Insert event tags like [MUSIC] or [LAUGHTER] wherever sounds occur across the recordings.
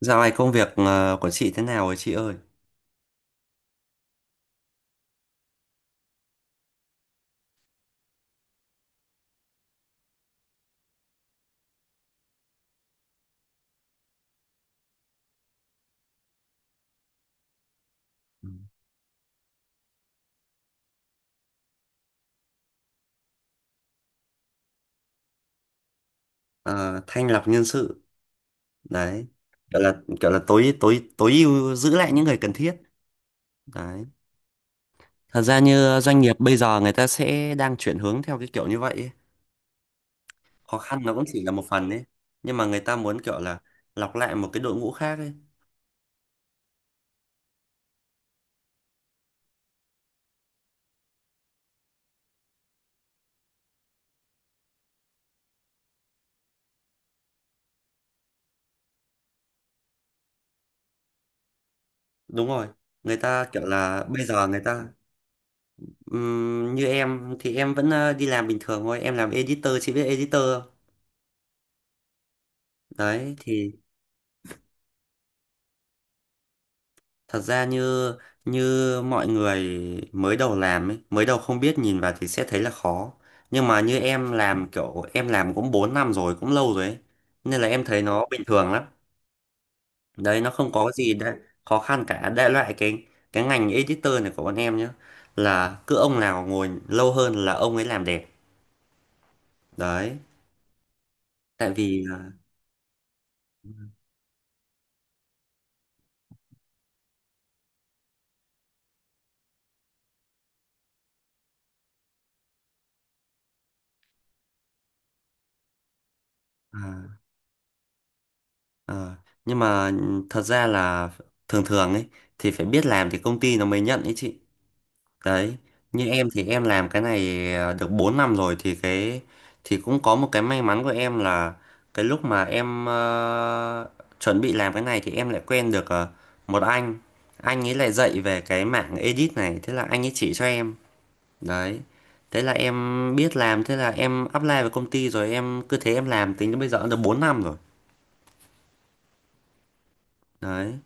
Dạo này công việc của chị thế nào rồi chị ơi? Ừ. Ờ, thanh lọc nhân sự đấy, kiểu là tối tối tối ưu giữ lại những người cần thiết đấy. Thật ra như doanh nghiệp bây giờ người ta sẽ đang chuyển hướng theo cái kiểu như vậy ấy. Khó khăn nó cũng chỉ là một phần đấy, nhưng mà người ta muốn kiểu là lọc lại một cái đội ngũ khác ấy. Đúng rồi, người ta kiểu là bây giờ người ta như em thì em vẫn đi làm bình thường thôi. Em làm editor, chị biết editor không? Đấy thì thật ra như như mọi người mới đầu làm ấy, mới đầu không biết nhìn vào thì sẽ thấy là khó. Nhưng mà như em làm, kiểu em làm cũng 4 năm rồi, cũng lâu rồi ấy. Nên là em thấy nó bình thường lắm. Đấy, nó không có gì đã khó khăn cả. Đại loại cái ngành editor này của bọn em nhá, là cứ ông nào ngồi lâu hơn là ông ấy làm đẹp. Đấy, tại vì là à, à, nhưng mà thật ra là thường thường ấy thì phải biết làm thì công ty nó mới nhận ấy chị. Đấy, như em thì em làm cái này à, được 4 năm rồi thì cái thì cũng có một cái may mắn của em là cái lúc mà em chuẩn bị làm cái này thì em lại quen được một anh. Anh ấy lại dạy về cái mạng edit này, thế là anh ấy chỉ cho em. Đấy. Thế là em biết làm, thế là em apply vào công ty rồi em cứ thế em làm tính đến bây giờ cũng được 4 năm rồi. Đấy,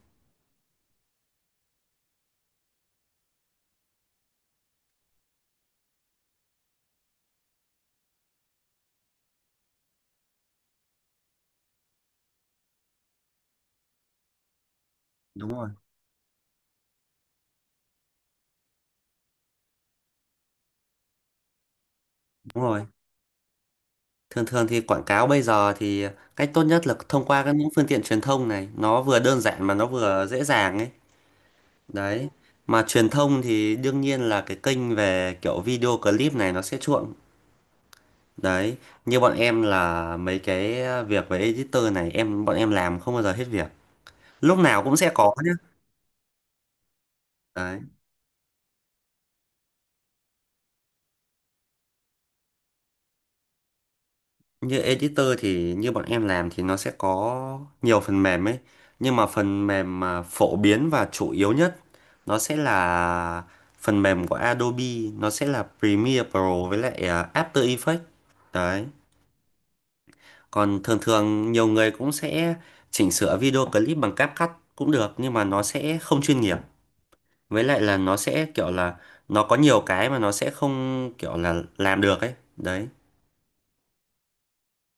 đúng rồi. Đúng rồi. Thường thường thì quảng cáo bây giờ thì cách tốt nhất là thông qua các những phương tiện truyền thông này, nó vừa đơn giản mà nó vừa dễ dàng ấy. Đấy. Mà truyền thông thì đương nhiên là cái kênh về kiểu video clip này nó sẽ chuộng. Đấy, như bọn em là mấy cái việc về editor này bọn em làm không bao giờ hết việc. Lúc nào cũng sẽ có nhá. Đấy. Như editor thì như bọn em làm thì nó sẽ có nhiều phần mềm ấy, nhưng mà phần mềm mà phổ biến và chủ yếu nhất nó sẽ là phần mềm của Adobe. Nó sẽ là Premiere Pro với lại à, After Effects. Đấy, còn thường thường nhiều người cũng sẽ chỉnh sửa video clip bằng CapCut cũng được, nhưng mà nó sẽ không chuyên nghiệp, với lại là nó sẽ kiểu là nó có nhiều cái mà nó sẽ không kiểu là làm được ấy đấy,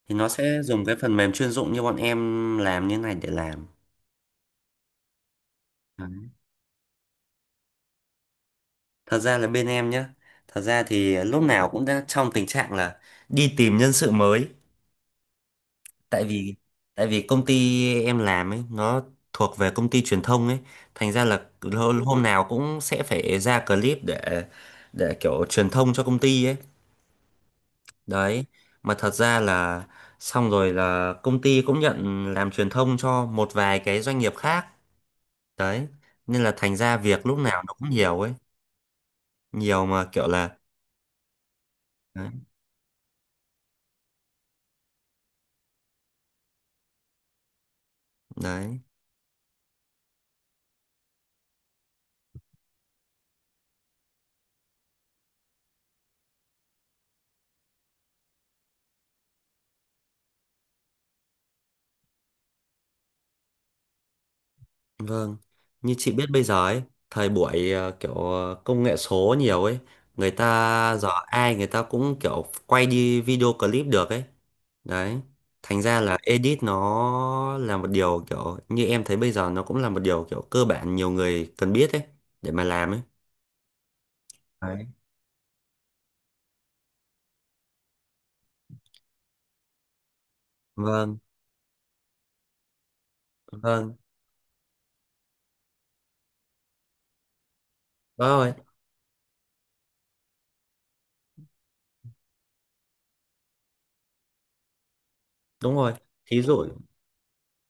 thì nó sẽ dùng cái phần mềm chuyên dụng như bọn em làm như này để làm. Đấy. Thật ra là bên em nhá, thật ra thì lúc nào cũng đã trong tình trạng là đi tìm nhân sự mới, tại vì tại vì công ty em làm ấy nó thuộc về công ty truyền thông ấy, thành ra là hôm nào cũng sẽ phải ra clip để kiểu truyền thông cho công ty ấy. Đấy, mà thật ra là xong rồi là công ty cũng nhận làm truyền thông cho một vài cái doanh nghiệp khác. Đấy, nên là thành ra việc lúc nào nó cũng nhiều ấy, nhiều mà kiểu là đấy, đấy. Vâng, như chị biết bây giờ ấy, thời buổi kiểu công nghệ số nhiều ấy, người ta giờ ai người ta cũng kiểu quay đi video clip được ấy. Đấy, thành ra là edit nó là một điều kiểu như em thấy bây giờ nó cũng là một điều kiểu cơ bản nhiều người cần biết ấy để mà làm ấy. Đấy. Vâng, vâng, vâng rồi, đúng rồi. Thí dụ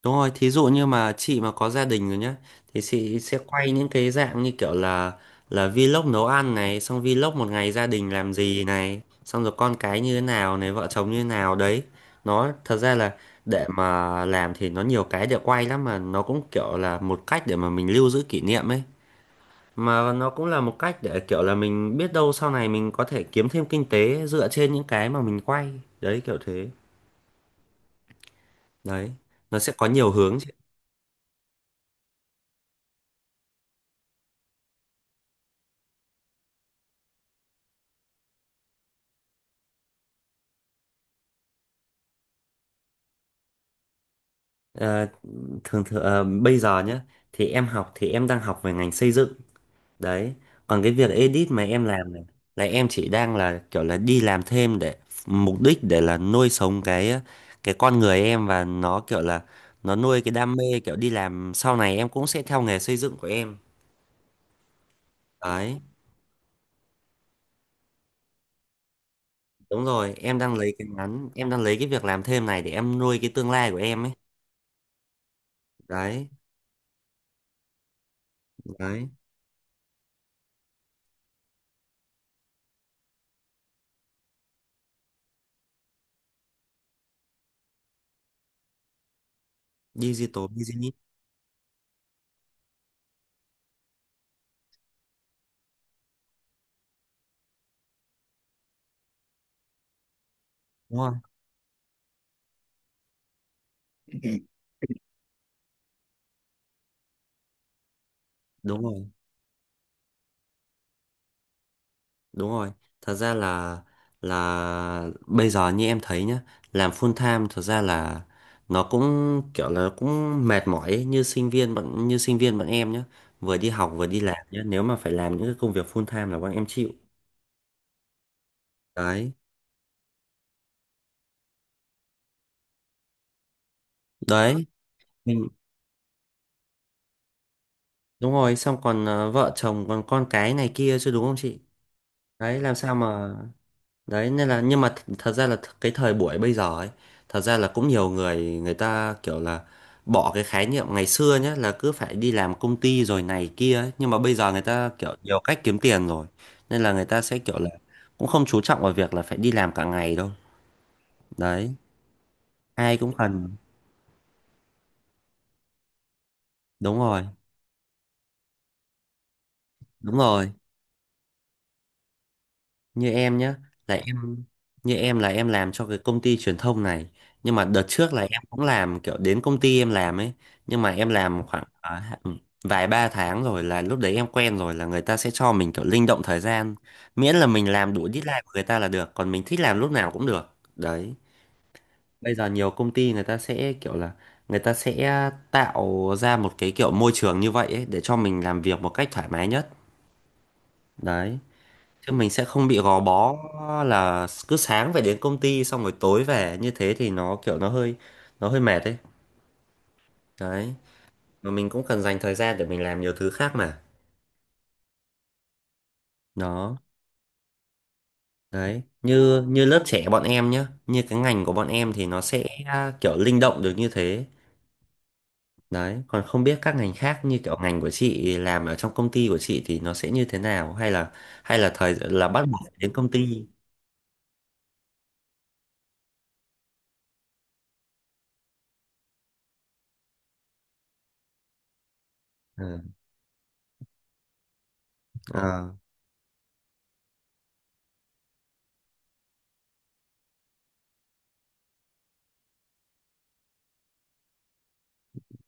đúng rồi, thí dụ như mà chị mà có gia đình rồi nhá thì chị sẽ quay những cái dạng như kiểu là vlog nấu ăn này, xong vlog một ngày gia đình làm gì này, xong rồi con cái như thế nào này, vợ chồng như thế nào đấy. Nó thật ra là để mà làm thì nó nhiều cái để quay lắm, mà nó cũng kiểu là một cách để mà mình lưu giữ kỷ niệm ấy. Mà nó cũng là một cách để kiểu là mình biết đâu sau này mình có thể kiếm thêm kinh tế dựa trên những cái mà mình quay. Đấy kiểu thế. Đấy, nó sẽ có nhiều hướng, chị. Ờ, thường thường bây giờ nhá thì em học thì em đang học về ngành xây dựng. Đấy, còn cái việc edit mà em làm này là em chỉ đang là kiểu là đi làm thêm để mục đích để là nuôi sống cái cái con người em, và nó kiểu là nó nuôi cái đam mê, kiểu đi làm sau này em cũng sẽ theo nghề xây dựng của em. Đấy, đúng rồi, em đang lấy cái ngắn, em đang lấy cái việc làm thêm này để em nuôi cái tương lai của em ấy. Đấy đấy, digital business, đúng rồi. [CLEARS THROAT] Đúng rồi. Đúng rồi, thật ra là bây giờ như em thấy nhá, làm full time thật ra là nó cũng kiểu là cũng mệt mỏi ấy, như sinh viên bọn em nhá, vừa đi học vừa đi làm nhá, nếu mà phải làm những cái công việc full time là bọn em chịu. Đấy, đấy, mình đúng rồi, xong còn vợ chồng còn con cái này kia chứ đúng không chị? Đấy, làm sao mà đấy, nên là nhưng mà thật ra là cái thời buổi bây giờ ấy, thật ra là cũng nhiều người, người ta kiểu là bỏ cái khái niệm ngày xưa nhé là cứ phải đi làm công ty rồi này kia ấy. Nhưng mà bây giờ người ta kiểu nhiều cách kiếm tiền rồi, nên là người ta sẽ kiểu là cũng không chú trọng vào việc là phải đi làm cả ngày đâu. Đấy, ai cũng cần. Đúng rồi, đúng rồi, như em nhé, là em như em là em làm cho cái công ty truyền thông này, nhưng mà đợt trước là em cũng làm kiểu đến công ty em làm ấy, nhưng mà em làm khoảng vài ba tháng rồi là lúc đấy em quen rồi là người ta sẽ cho mình kiểu linh động thời gian, miễn là mình làm đủ deadline của người ta là được, còn mình thích làm lúc nào cũng được. Đấy, bây giờ nhiều công ty người ta sẽ kiểu là người ta sẽ tạo ra một cái kiểu môi trường như vậy ấy để cho mình làm việc một cách thoải mái nhất. Đấy, chứ mình sẽ không bị gò bó là cứ sáng phải đến công ty xong rồi tối về, như thế thì nó kiểu nó hơi mệt đấy. Đấy, mà mình cũng cần dành thời gian để mình làm nhiều thứ khác mà. Đó đấy, như như lớp trẻ bọn em nhá, như cái ngành của bọn em thì nó sẽ kiểu linh động được như thế. Đấy, còn không biết các ngành khác như kiểu ngành của chị làm ở trong công ty của chị thì nó sẽ như thế nào, hay là thời là bắt buộc phải đến công ty. Ừ. À,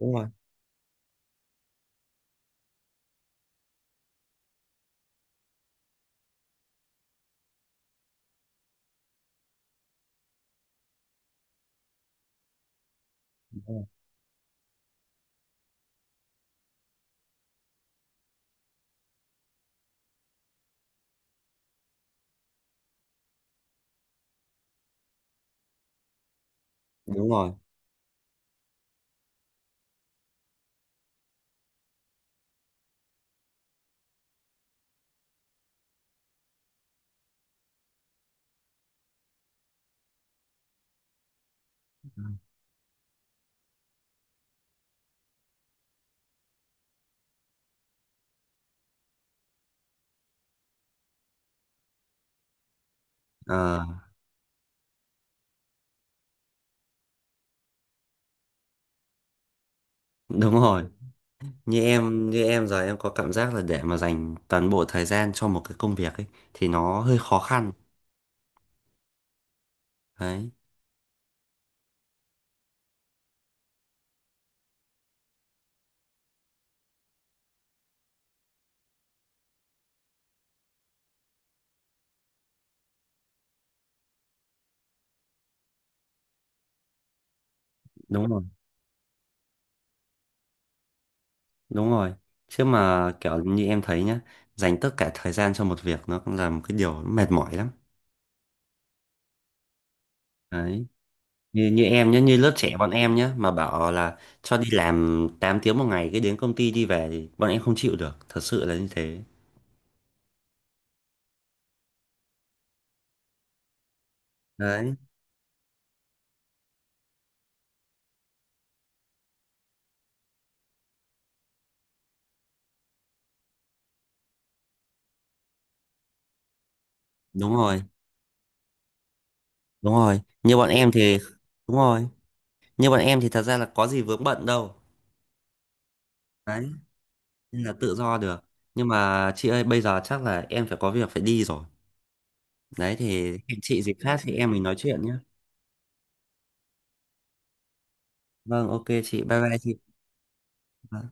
đúng rồi, đúng rồi. Đúng rồi. Ờ, đúng rồi, như em giờ em có cảm giác là để mà dành toàn bộ thời gian cho một cái công việc ấy thì nó hơi khó khăn. Đấy, đúng rồi, đúng rồi, chứ mà kiểu như em thấy nhá, dành tất cả thời gian cho một việc nó cũng là một cái điều mệt mỏi lắm. Đấy, như như em nhá, như lớp trẻ bọn em nhá, mà bảo là cho đi làm 8 tiếng một ngày, cái đến công ty đi về thì bọn em không chịu được, thật sự là như thế. Đấy, đúng rồi, đúng rồi, như bọn em thì đúng rồi, như bọn em thì thật ra là có gì vướng bận đâu. Đấy, nên là tự do được. Nhưng mà chị ơi bây giờ chắc là em phải có việc phải đi rồi. Đấy thì hẹn chị dịp khác thì em mình nói chuyện nhé. Vâng, ok chị, bye bye chị. Vâng.